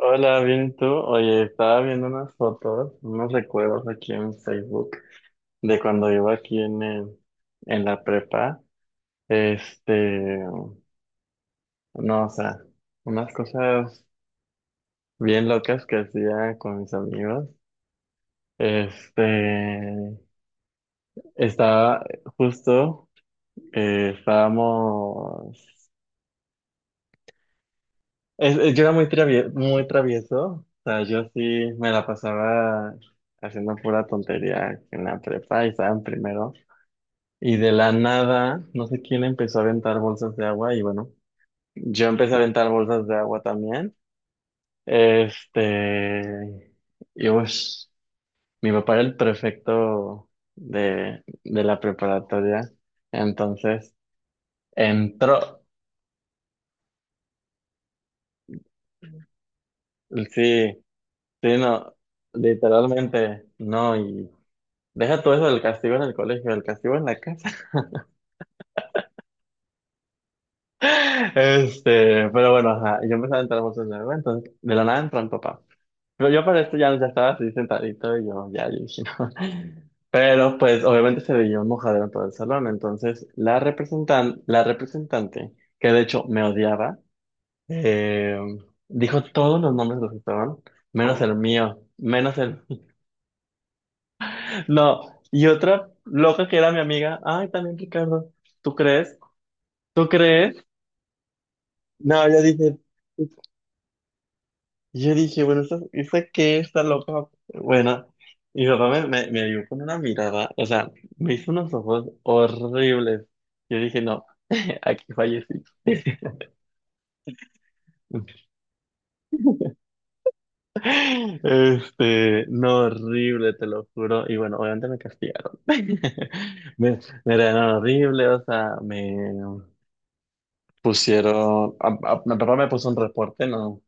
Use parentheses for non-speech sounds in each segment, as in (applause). Hola, bien, ¿y tú? Oye, estaba viendo unas fotos, unos recuerdos aquí en Facebook de cuando iba aquí en la prepa. Este, no, o sea, unas cosas bien locas que hacía con mis amigos. Este, Estaba justo, estábamos, yo era muy travieso, o sea, yo sí me la pasaba haciendo pura tontería en la prepa y estaba en primero. Y de la nada, no sé quién empezó a aventar bolsas de agua y bueno, yo empecé a aventar bolsas de agua también. Este, y pues, mi papá era el prefecto de la preparatoria, entonces entró, sí, sí, no, literalmente, no, y deja todo eso del castigo en el colegio, el castigo en la casa. (laughs) Pero bueno, ajá, yo empecé a aventar bolsas de agua, entonces de la nada entró mi papá. Pero yo para esto ya estaba así sentadito y yo ya, yo dije no. Pero pues obviamente se veía un mojadero en todo el salón. Entonces la representante, que de hecho me odiaba, eh, dijo todos los nombres de los que estaban, menos el mío, menos el... (laughs) No, y otra loca que era mi amiga, ay, también Ricardo, ¿tú crees? ¿Tú crees? No, yo dije, bueno, ¿esta qué? Está loca. Bueno, y mi papá me vio con una mirada, o sea, me hizo unos ojos horribles. Yo dije, no, (laughs) aquí fallecí. (laughs) No, horrible, te lo juro. Y bueno, obviamente me castigaron. (laughs) Me, me regañaron horrible, o sea, me pusieron, a- mi papá me puso un reporte, ¿no?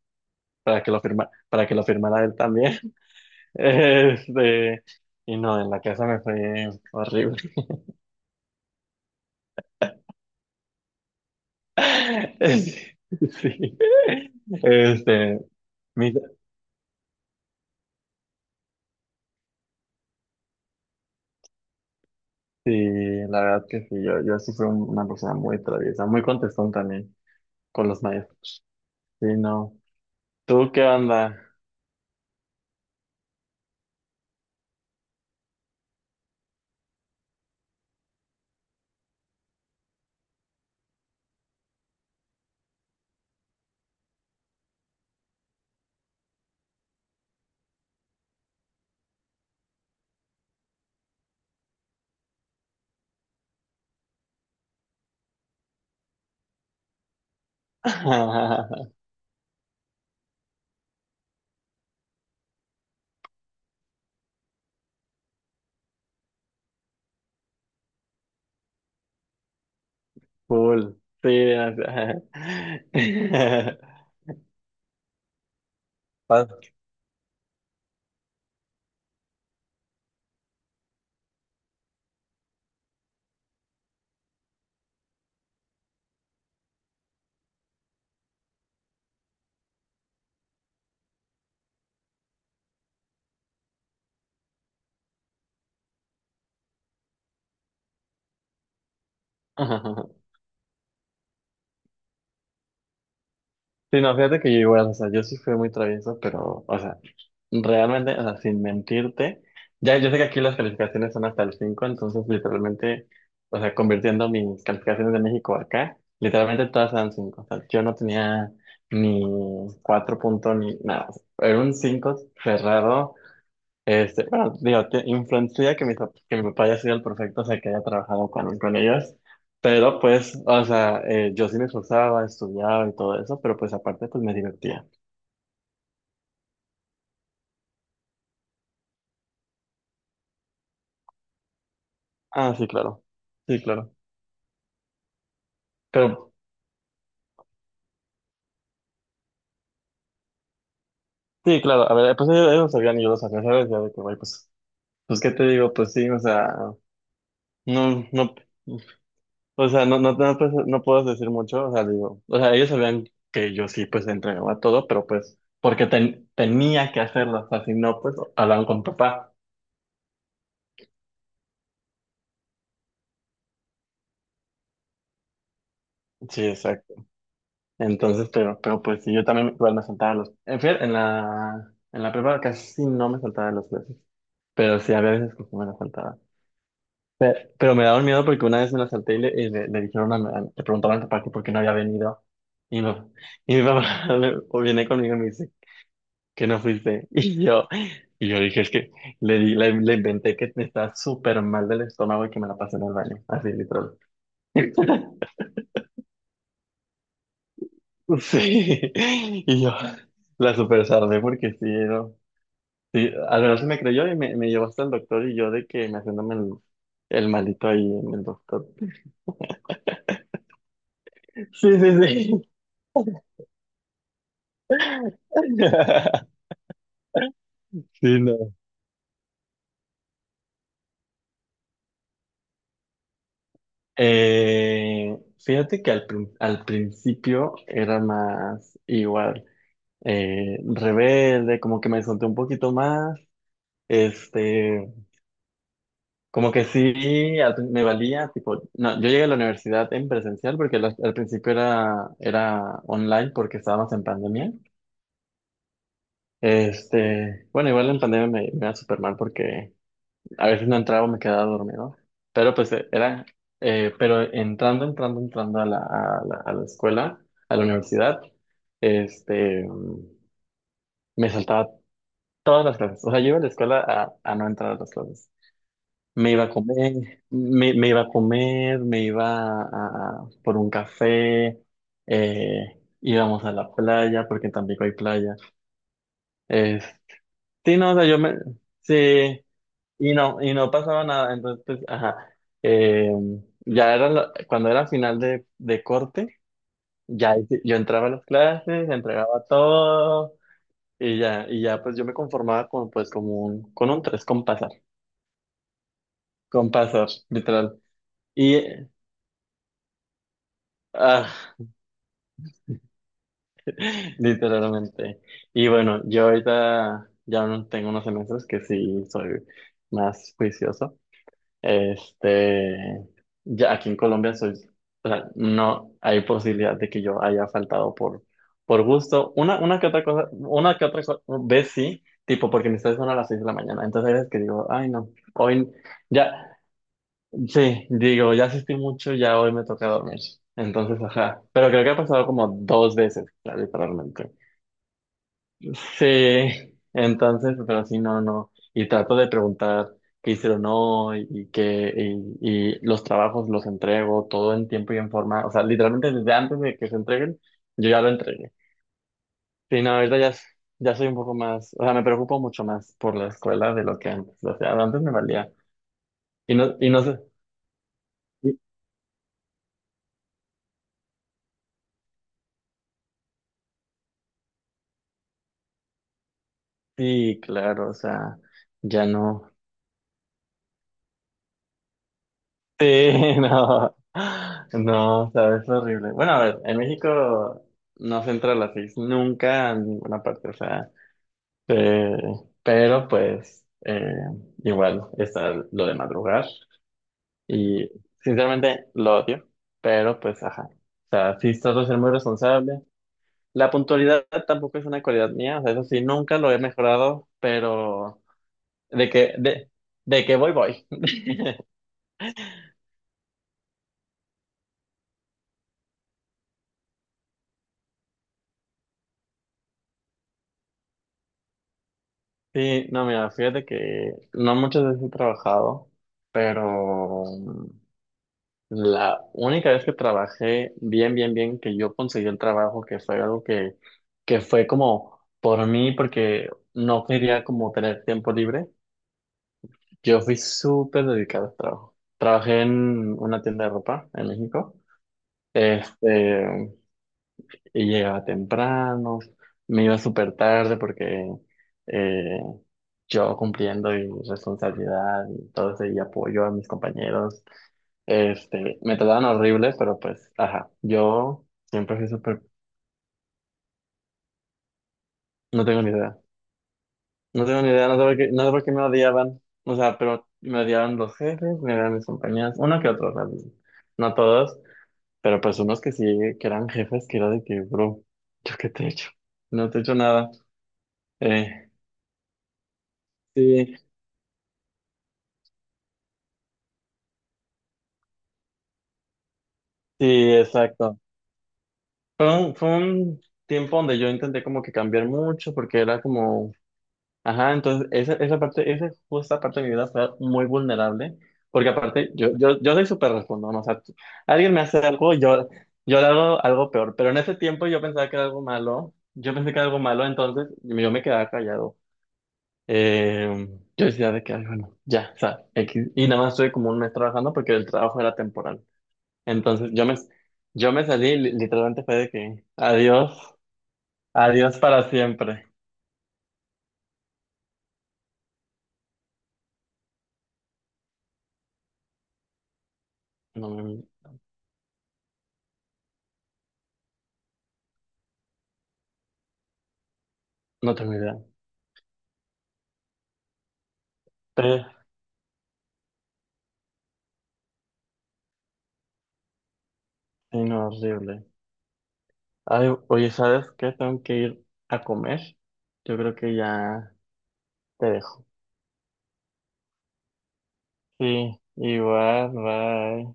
Para que lo firmara él también. (laughs) Este, y no, en la casa me fue horrible. (laughs) Sí, sí. Este, mi- sí, la verdad que sí, yo sí fui una persona muy traviesa, muy contestón también con los maestros. Sí, no. ¿Tú qué onda? (laughs) Full. Sí, o sea. (laughs) Pas- (laughs) Sí, no, fíjate que yo igual, o sea, yo sí fui muy travieso, pero, o sea, realmente, o sea, sin mentirte, ya yo sé que aquí las calificaciones son hasta el 5, entonces literalmente, o sea, convirtiendo mis calificaciones de México acá, literalmente todas eran 5, o sea, yo no tenía ni 4 puntos ni nada, o sea, era un cinco cerrado, bueno, digo, influencia que que mi papá haya sido el perfecto, o sea, que haya trabajado con ellos, pero pues, o sea, yo sí me esforzaba, estudiaba y todo eso, pero pues aparte, pues me divertía. Ah, sí, claro, sí, claro, pero sí, claro, a ver, pues ellos lo sabían y yo lo sabía, ¿sabes? Ya de que, güey, pues, ¿qué te digo? Pues sí, o sea, no, no. O sea, no, no, no, pues, no puedo decir mucho, o sea, digo, o sea, ellos sabían que yo sí, pues, entregaba todo, pero pues, porque tenía que hacerlo, o sea, si no, pues, hablaban con papá. Sí, exacto. Entonces, pero pues, sí, yo también igual me saltaba los, en fin, en la prepa casi no me saltaba las clases, pero sí, había veces que sí me las saltaba. Pero, me daba miedo porque una vez me las salté y y le dijeron le preguntaron a mi papá que por qué no había venido, y mi papá (laughs) viene conmigo y me dice que no fuiste. (laughs) Y yo dije, es que le inventé que me estaba súper mal del estómago y que me la pasé en el baño, así literal. Sí, (laughs) y yo la super sardé porque sí, no. Sí, al menos se me creyó y me llevó hasta el doctor y yo de que me haciéndome el malito ahí en el doctor. Sí, sí, sí. (laughs) Sí, no. Fíjate que al principio era más igual. Rebelde, como que me solté un poquito más, este, como que sí, me valía, tipo, no, yo llegué a la universidad en presencial porque al principio era online porque estábamos en pandemia. Bueno, igual en pandemia me iba súper mal porque a veces no entraba, me quedaba dormido, pero pues era, pero entrando a la escuela, a la universidad, este, me saltaba todas las clases. O sea, yo iba a la escuela a no entrar a las clases. Me iba a comer, me iba a comer, me iba a, por un café, íbamos a la playa, porque en Tampico hay playa. Eh, sí, no, o sea, yo me, sí, y no pasaba nada. Entonces, pues, ajá. Eh, ya era, cuando era final de corte, ya ahí sí, yo entraba a las clases, entregaba todo, y ya, pues yo me conformaba con, pues, como un, con un tres con... Con pasas, literal. Y, ah, (laughs) literalmente. Y bueno, yo ahorita ya no tengo unos semestres que sí soy más juicioso. Este, ya aquí en Colombia soy, o sea, no hay posibilidad de que yo haya faltado por gusto. Una que otra cosa, una que otra vez sí, tipo porque mis clases son a las 6 de la mañana. Entonces hay veces que digo, ay no, hoy ya. Sí, digo, ya asistí mucho, ya hoy me toca dormir. Entonces, ajá. Pero creo que ha pasado como dos veces, claro, literalmente. Sí, entonces, pero sí, no, no. Y trato de preguntar qué hicieron hoy y qué, y, los trabajos los entrego todo en tiempo y en forma. O sea, literalmente desde antes de que se entreguen, yo ya lo entregué. Sí, no, ahorita ya, ya soy un poco más, o sea, me preocupo mucho más por la escuela de lo que antes. O sea, antes me valía. Y no sé. Sí, claro, o sea, ya no. Sí, (laughs) no. No, o sea, es horrible. Bueno, a ver, en México no se entra a las 6 nunca en ninguna parte, o sea, eh, pero pues igual está lo de madrugar y sinceramente lo odio, pero pues ajá. O sea, sí trato de ser muy responsable. La puntualidad tampoco es una cualidad mía, o sea, eso sí, nunca lo he mejorado, pero de que, de, de que voy, voy. Sí, no, mira, fíjate que no muchas veces he trabajado, pero la única vez que trabajé bien, bien, bien, que yo conseguí el trabajo, que fue algo que fue como por mí, porque no quería como tener tiempo libre, yo fui súper dedicado al trabajo. Trabajé en una tienda de ropa en México. Este, y llegaba temprano, me iba súper tarde porque eh, yo cumpliendo mi responsabilidad y todo ese y apoyo a mis compañeros, me trataban horrible, pero pues, ajá, yo siempre fui súper, no tengo ni idea, no tengo ni idea, no sé por qué, no sé por qué me odiaban, o sea, pero me odiaban los jefes, me odiaban mis compañeros, uno que otro, o sea, no todos, pero pues unos que sí, que eran jefes, que era de que, bro, ¿yo qué te he hecho? No te he hecho nada. Eh, Sí, sí, exacto. Fue un tiempo donde yo intenté como que cambiar mucho porque era como, ajá, entonces esa justa parte de mi vida fue muy vulnerable porque aparte yo soy súper respondón, o sea, alguien me hace algo, yo le hago algo peor, pero en ese tiempo yo pensaba que era algo malo, yo pensé que era algo malo, entonces yo me quedaba callado. Eh, yo decía de que, ay, bueno, ya, o sea, X. Y nada más estuve como un mes trabajando porque el trabajo era temporal. Entonces yo me salí, literalmente fue de que adiós, adiós para siempre. No, no tengo idea. Pero, sí, no, horrible. Ay, oye, ¿sabes qué? Tengo que ir a comer. Yo creo que ya te dejo. Sí, igual, bye.